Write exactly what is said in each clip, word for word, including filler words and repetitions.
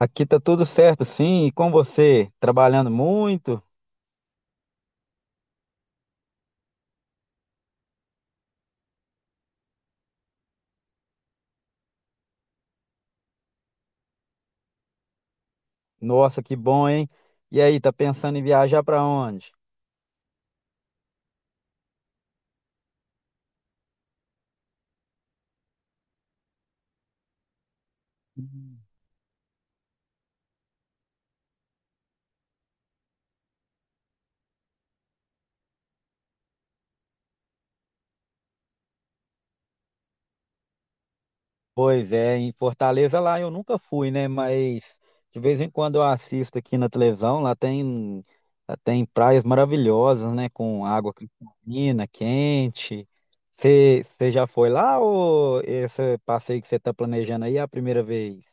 Aqui tá tudo certo, sim. E com você? Trabalhando muito? Nossa, que bom, hein? E aí, tá pensando em viajar para onde? Pois é, em Fortaleza lá eu nunca fui, né? Mas de vez em quando eu assisto aqui na televisão, lá tem, lá tem praias maravilhosas, né? Com água cristalina, quente. Você já foi lá ou esse passeio que você está planejando aí é a primeira vez?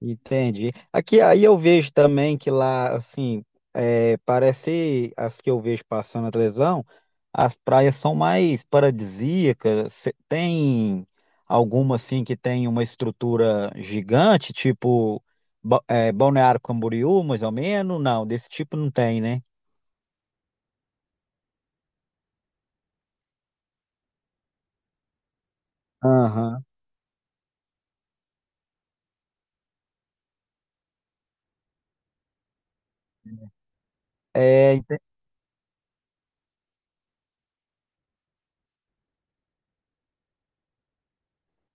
Entendi. Aqui aí eu vejo também que lá, assim, é, parece as que eu vejo passando na televisão, as praias são mais paradisíacas. Cê- Tem alguma assim que tem uma estrutura gigante, tipo Ba- é, Balneário Camboriú, mais ou menos? Não, desse tipo não tem, né? Aham. É, ente-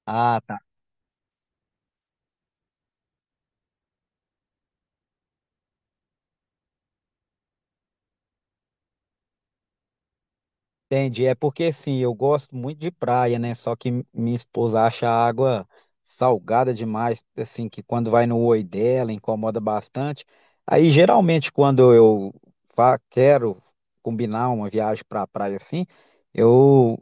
ah, tá. Entendi. É porque assim, eu gosto muito de praia, né? Só que minha esposa acha a água salgada demais, assim, que quando vai no oi dela incomoda bastante. Aí geralmente quando eu fa- quero combinar uma viagem pra praia assim, eu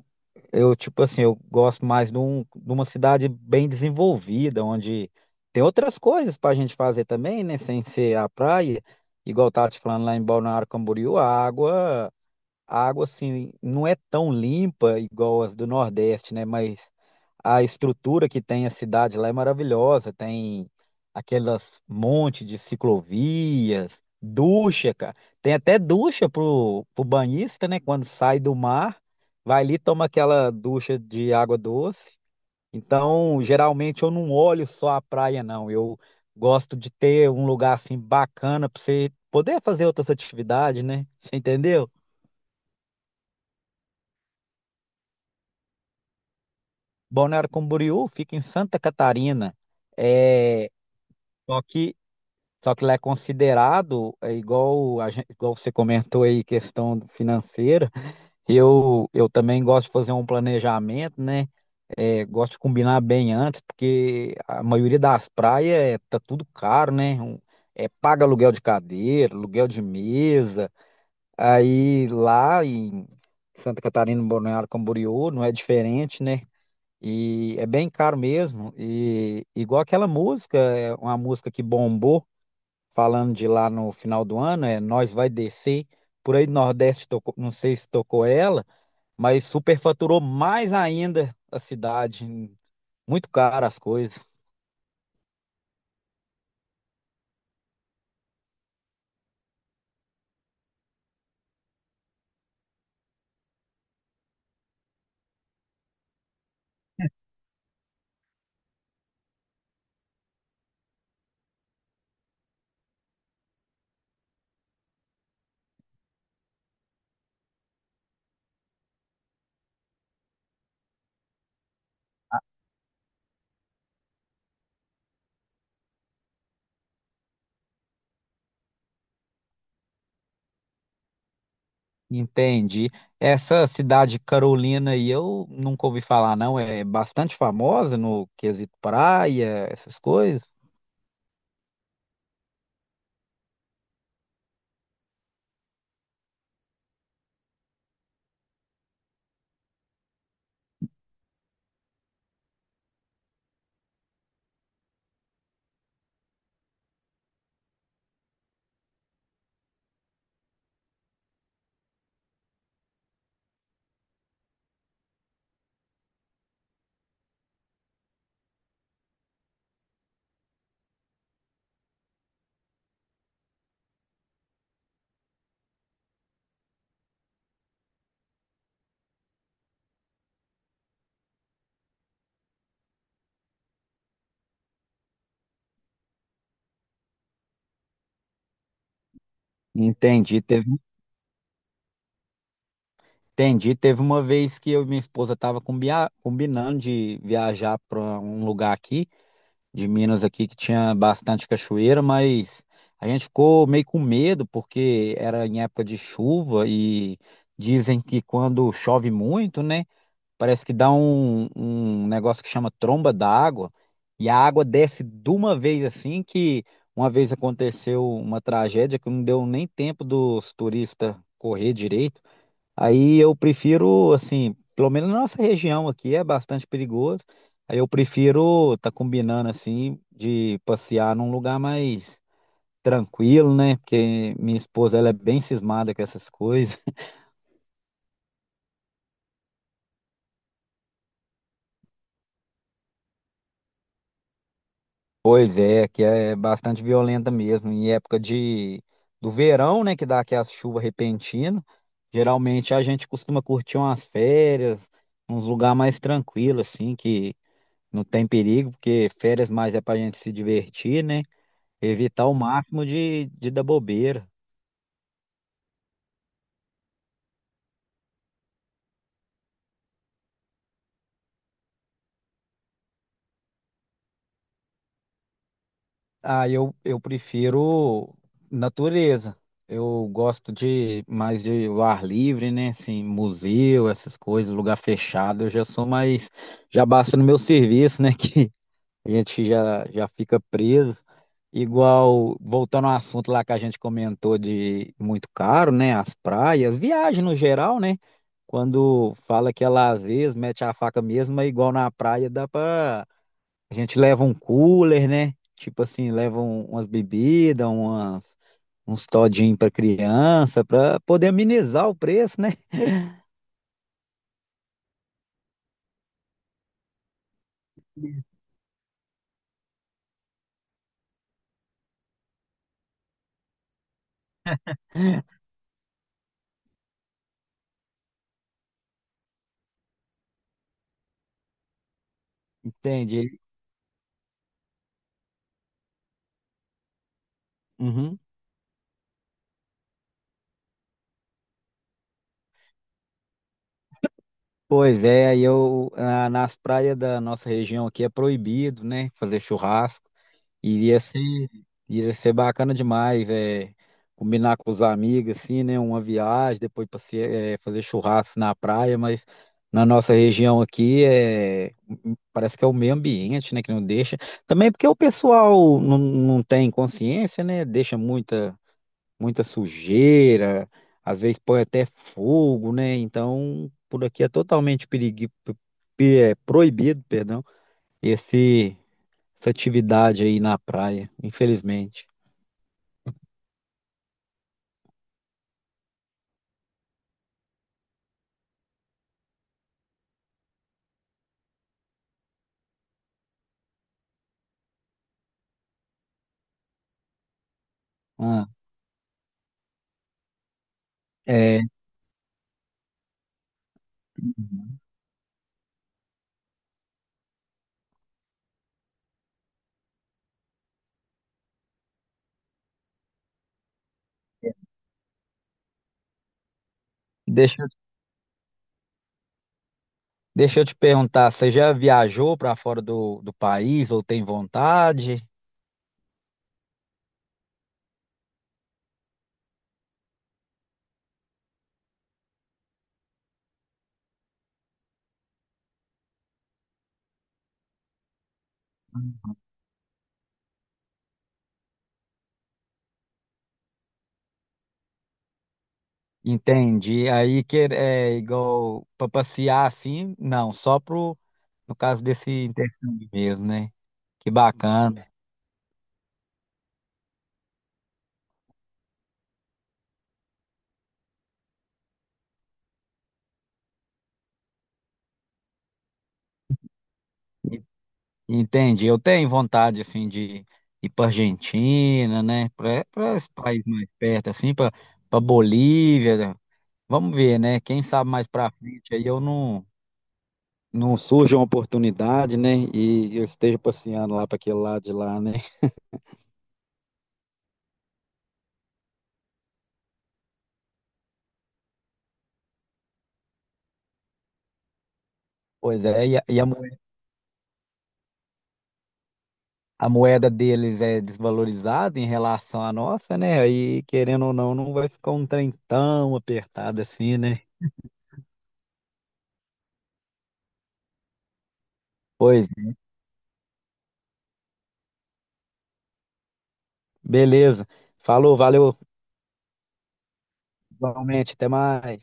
eu tipo assim, eu gosto mais de, um- de uma cidade bem desenvolvida, onde tem outras coisas pra gente fazer também, né? Sem ser a praia. Igual eu tava te falando lá em Balneário Camboriú, a água. A água, assim, não é tão limpa igual as do Nordeste, né? Mas a estrutura que tem a cidade lá é maravilhosa. Tem aquelas montes de ciclovias, ducha, cara. Tem até ducha pro, pro banhista, né? Quando sai do mar, vai ali e toma aquela ducha de água doce. Então, geralmente eu não olho só a praia, não. Eu gosto de ter um lugar assim bacana para você poder fazer outras atividades, né? Você entendeu? Balneário Camboriú fica em Santa Catarina, é, só que, só que lá é considerado, é igual, a gen- igual você comentou aí, questão financeira, eu, eu também gosto de fazer um planejamento, né? É, gosto de combinar bem antes, porque a maioria das praias é, tá tudo caro, né? Um- é, paga aluguel de cadeira, aluguel de mesa, aí lá em Santa Catarina, no Balneário Camboriú, não é diferente, né? E é bem caro mesmo. E igual aquela música, é uma música que bombou, falando de lá no final do ano, é Nós Vai Descer. Por aí do Nordeste tocou, não sei se tocou ela, mas superfaturou mais ainda a cidade. hum, Muito caro as coisas. Entendi. Essa cidade Carolina aí eu nunca ouvi falar, não. É bastante famosa no quesito praia, essas coisas. Entendi. Entendi. Teve uma vez que eu e minha esposa tava combia- combinando de viajar para um lugar aqui, de Minas aqui, que tinha bastante cachoeira, mas a gente ficou meio com medo porque era em época de chuva e dizem que quando chove muito, né, parece que dá um, um negócio que chama tromba d'água e a água desce de uma vez assim que uma vez aconteceu uma tragédia que não deu nem tempo dos turistas correr direito. Aí eu prefiro, assim, pelo menos na nossa região aqui é bastante perigoso. Aí eu prefiro tá combinando assim de passear num lugar mais tranquilo, né? Porque minha esposa ela é bem cismada com essas coisas. Pois é, que é bastante violenta mesmo. Em época de do verão, né, que dá aquelas chuvas repentinas, geralmente a gente costuma curtir umas férias, uns lugares mais tranquilos assim, que não tem perigo, porque férias mais é pra gente se divertir, né? Evitar o máximo de, de dar bobeira. Ah, eu, eu prefiro natureza. Eu gosto de mais de o ar livre, né? Assim, museu, essas coisas, lugar fechado. Eu já sou mais. Já basta no meu serviço, né? Que a gente já, já fica preso. Igual, voltando ao assunto lá que a gente comentou de muito caro, né? As praias, viagem no geral, né? Quando fala que é lazer, mete a faca mesmo, é igual na praia, dá para a gente leva um cooler, né? Tipo assim, leva um- umas bebidas, umas, uns todinhos para criança, para poder amenizar o preço, né? Entende? Uhum. Pois é, aí eu, ah, nas praias da nossa região aqui é proibido, né? Fazer churrasco. Iria ser, iria ser bacana demais, é, combinar com os amigos, assim, né? Uma viagem, depois passe- é, fazer churrasco na praia, mas na nossa região aqui é, parece que é o meio ambiente, né, que não deixa. Também porque o pessoal não, não tem consciência, né? Deixa muita, muita sujeira, às vezes põe até fogo, né? Então, por aqui é totalmente perigui- pe- é, proibido, perdão, esse essa atividade aí na praia, infelizmente. Ah, é, deixa, deixa eu te perguntar, você já viajou para fora do, do país ou tem vontade? Entendi. Aí que é igual para passear assim, não, só pro, no caso desse intercâmbio mesmo, né? Que bacana. E- Entendi. Eu tenho vontade assim de ir para Argentina, né? Para esse país mais perto assim, para para Bolívia, Vamos ver, né? Quem sabe mais pra frente aí eu não, não surja uma oportunidade, né? E eu esteja passeando lá para aquele lado de lá, né? Pois é, e, a, e a moe- a moeda deles é desvalorizada em relação à nossa, né? Aí, querendo ou não, não vai ficar um trem tão apertado assim, né? Pois, beleza. Falou, valeu, igualmente, até mais.